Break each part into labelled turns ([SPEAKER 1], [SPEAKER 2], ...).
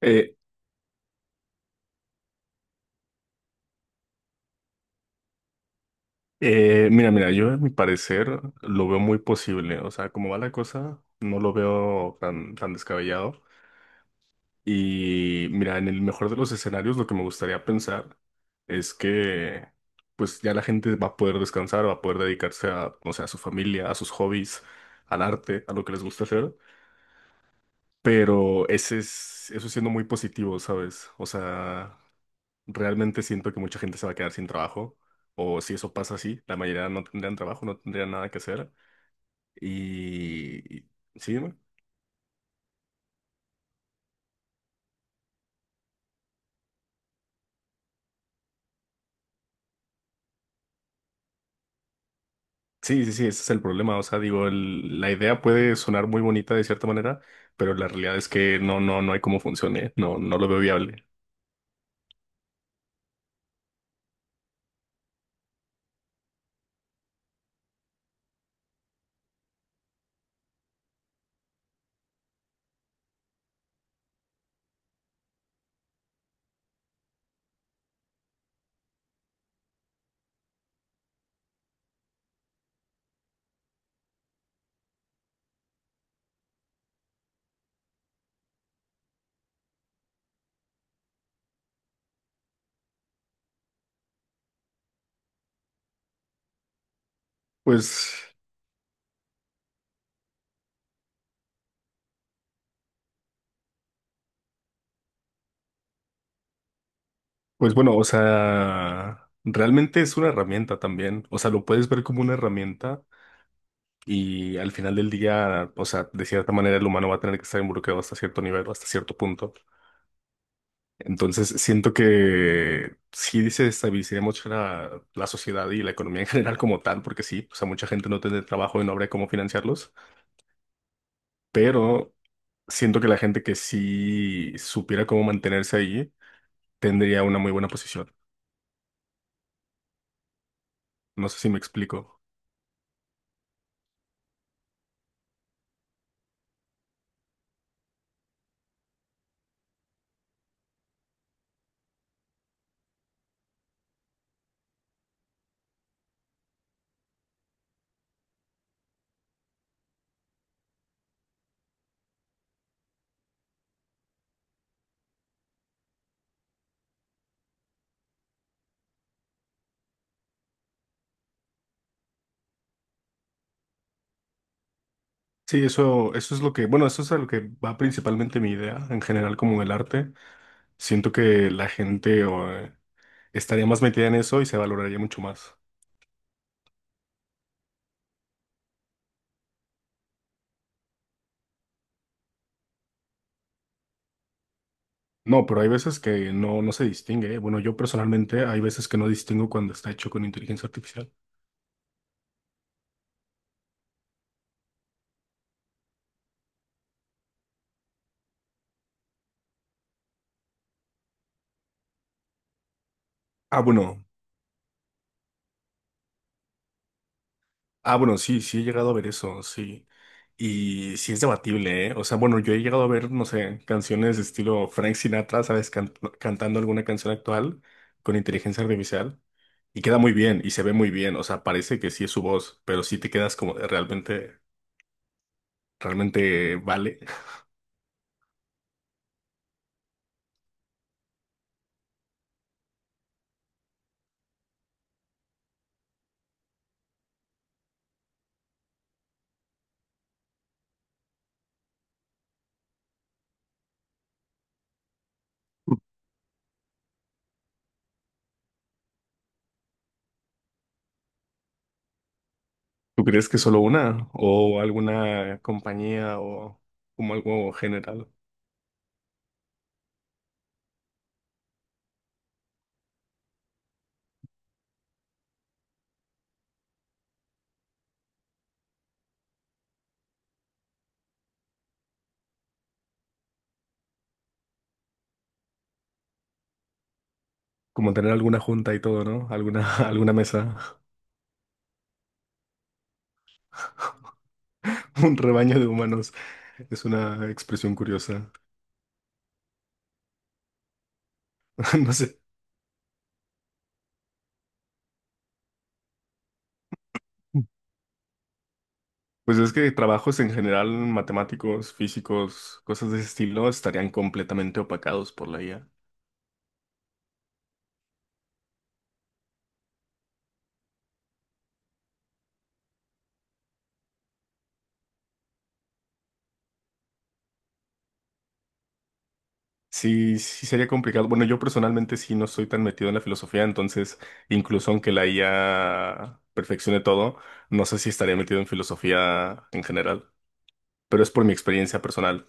[SPEAKER 1] Eh, mira, yo a mi parecer lo veo muy posible. O sea, como va la cosa, no lo veo tan, tan descabellado. Y mira, en el mejor de los escenarios, lo que me gustaría pensar es que pues ya la gente va a poder descansar, va a poder dedicarse a, no sé, a su familia, a sus hobbies, al arte, a lo que les gusta hacer. Pero ese es, eso siendo muy positivo, ¿sabes? O sea, realmente siento que mucha gente se va a quedar sin trabajo, o si eso pasa así, la mayoría no tendrían trabajo, no tendrían nada que hacer. Y... y- Sí, dime. Sí, sí, sí, ese es el problema. O sea, digo, el- la idea puede sonar muy bonita de cierta manera, pero la realidad es que no, no, no hay cómo funcione, no, no lo veo viable. Pues, pues bueno, o sea, realmente es una herramienta también. O sea, lo puedes ver como una herramienta y al final del día, o sea, de cierta manera el humano va a tener que estar involucrado hasta cierto nivel, hasta cierto punto. Entonces, siento que sí desestabilizaría mucho la sociedad y la economía en general como tal, porque sí, o sea, mucha gente no tendría trabajo y no habría cómo financiarlos, pero siento que la gente que sí supiera cómo mantenerse ahí tendría una muy buena posición. No sé si me explico. Sí, eso es lo que, bueno, eso es a lo que va principalmente mi idea en general como del arte. Siento que la gente o, estaría más metida en eso y se valoraría mucho más. No, pero hay veces que no, no se distingue, ¿eh? Bueno, yo personalmente hay veces que no distingo cuando está hecho con inteligencia artificial. Ah, bueno, ah, bueno, sí, sí he llegado a ver eso, sí. Y sí es debatible, ¿eh? O sea, bueno, yo he llegado a ver, no sé, canciones de estilo Frank Sinatra, ¿sabes? Cantando alguna canción actual con inteligencia artificial. Y queda muy bien, y se ve muy bien. O sea, parece que sí es su voz, pero sí te quedas como de, realmente, realmente vale. ¿Tú crees que solo una o alguna compañía o como algo general? Como tener alguna junta y todo, ¿no? Alguna, alguna mesa, un rebaño de humanos. Es una expresión curiosa. No sé. Pues es que trabajos en general, matemáticos, físicos, cosas de ese estilo, estarían completamente opacados por la IA. Sí, sí sería complicado. Bueno, yo personalmente sí no soy tan metido en la filosofía, entonces incluso aunque la IA perfeccione todo, no sé si estaría metido en filosofía en general, pero es por mi experiencia personal.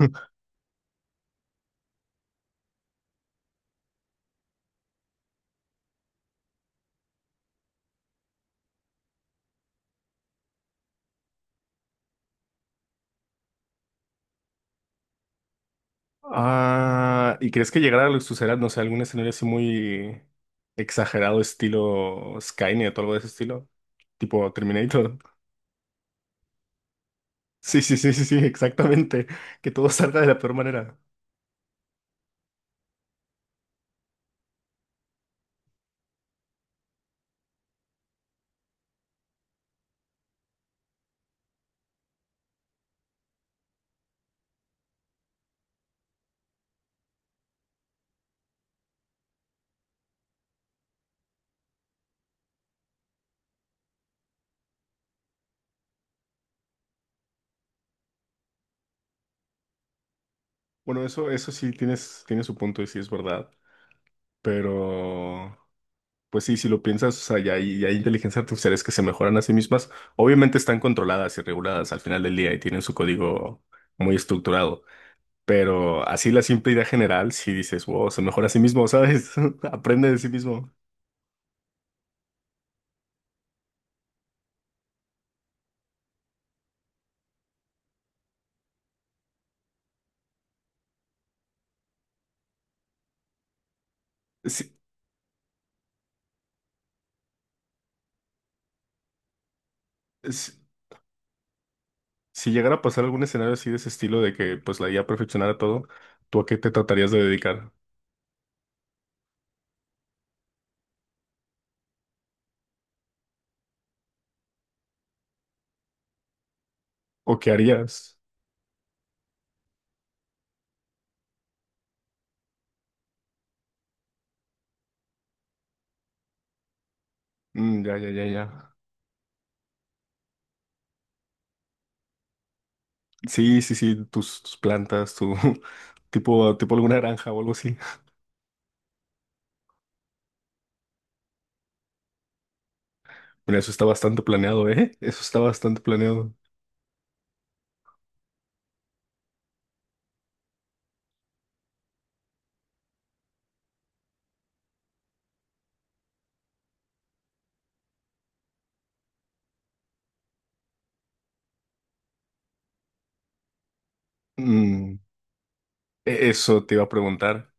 [SPEAKER 1] Ah, ¿y crees que llegara a lo que sucederá, no sé, algún escenario así muy exagerado, estilo Skynet o algo de ese estilo? Tipo Terminator. Sí, sí, sí, sí, sí, exactamente. Que todo salga de la peor manera. Bueno, eso sí tienes, tiene su punto y sí es verdad. Pero. Pues sí, si lo piensas, o sea, ya hay inteligencias artificiales que se mejoran a sí mismas. Obviamente están controladas y reguladas al final del día y tienen su código muy estructurado. Pero así la simple idea general, si dices, wow, se mejora a sí mismo, ¿sabes? Aprende de sí mismo. Si, si- si llegara a pasar algún escenario así de ese estilo de que pues la IA perfeccionara todo, ¿tú a qué te tratarías de dedicar? ¿O qué harías? Mm, ya, ya, ya, ya. Sí, sí, sí, tus, tus plantas, tu tipo, tipo alguna granja o algo así. Bueno, eso está bastante planeado, ¿eh? Eso está bastante planeado. Mm, e- eso te iba a preguntar.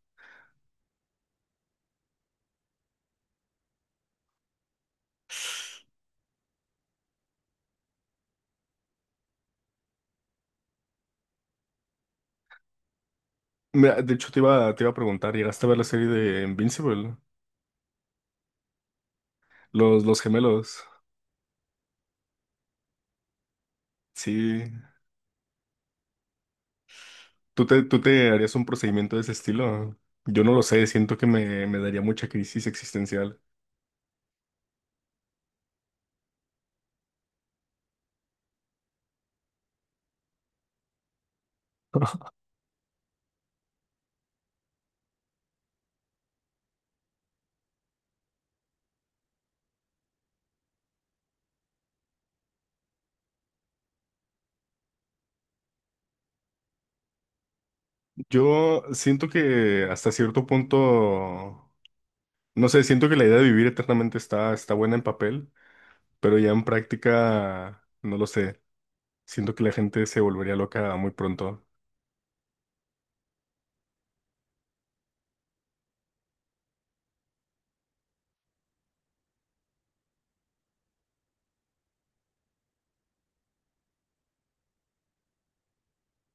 [SPEAKER 1] Mira, de hecho, te iba a preguntar, ¿llegaste a ver la serie de Invincible? Los gemelos. Sí. Tú te harías un procedimiento de ese estilo? Yo no lo sé, siento que me daría mucha crisis existencial. Yo siento que hasta cierto punto, no sé, siento que la idea de vivir eternamente está, está buena en papel, pero ya en práctica, no lo sé. Siento que la gente se volvería loca muy pronto.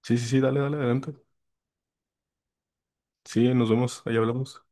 [SPEAKER 1] Sí, sí, sí, dale, dale, adelante. Sí, nos vemos, ahí hablamos.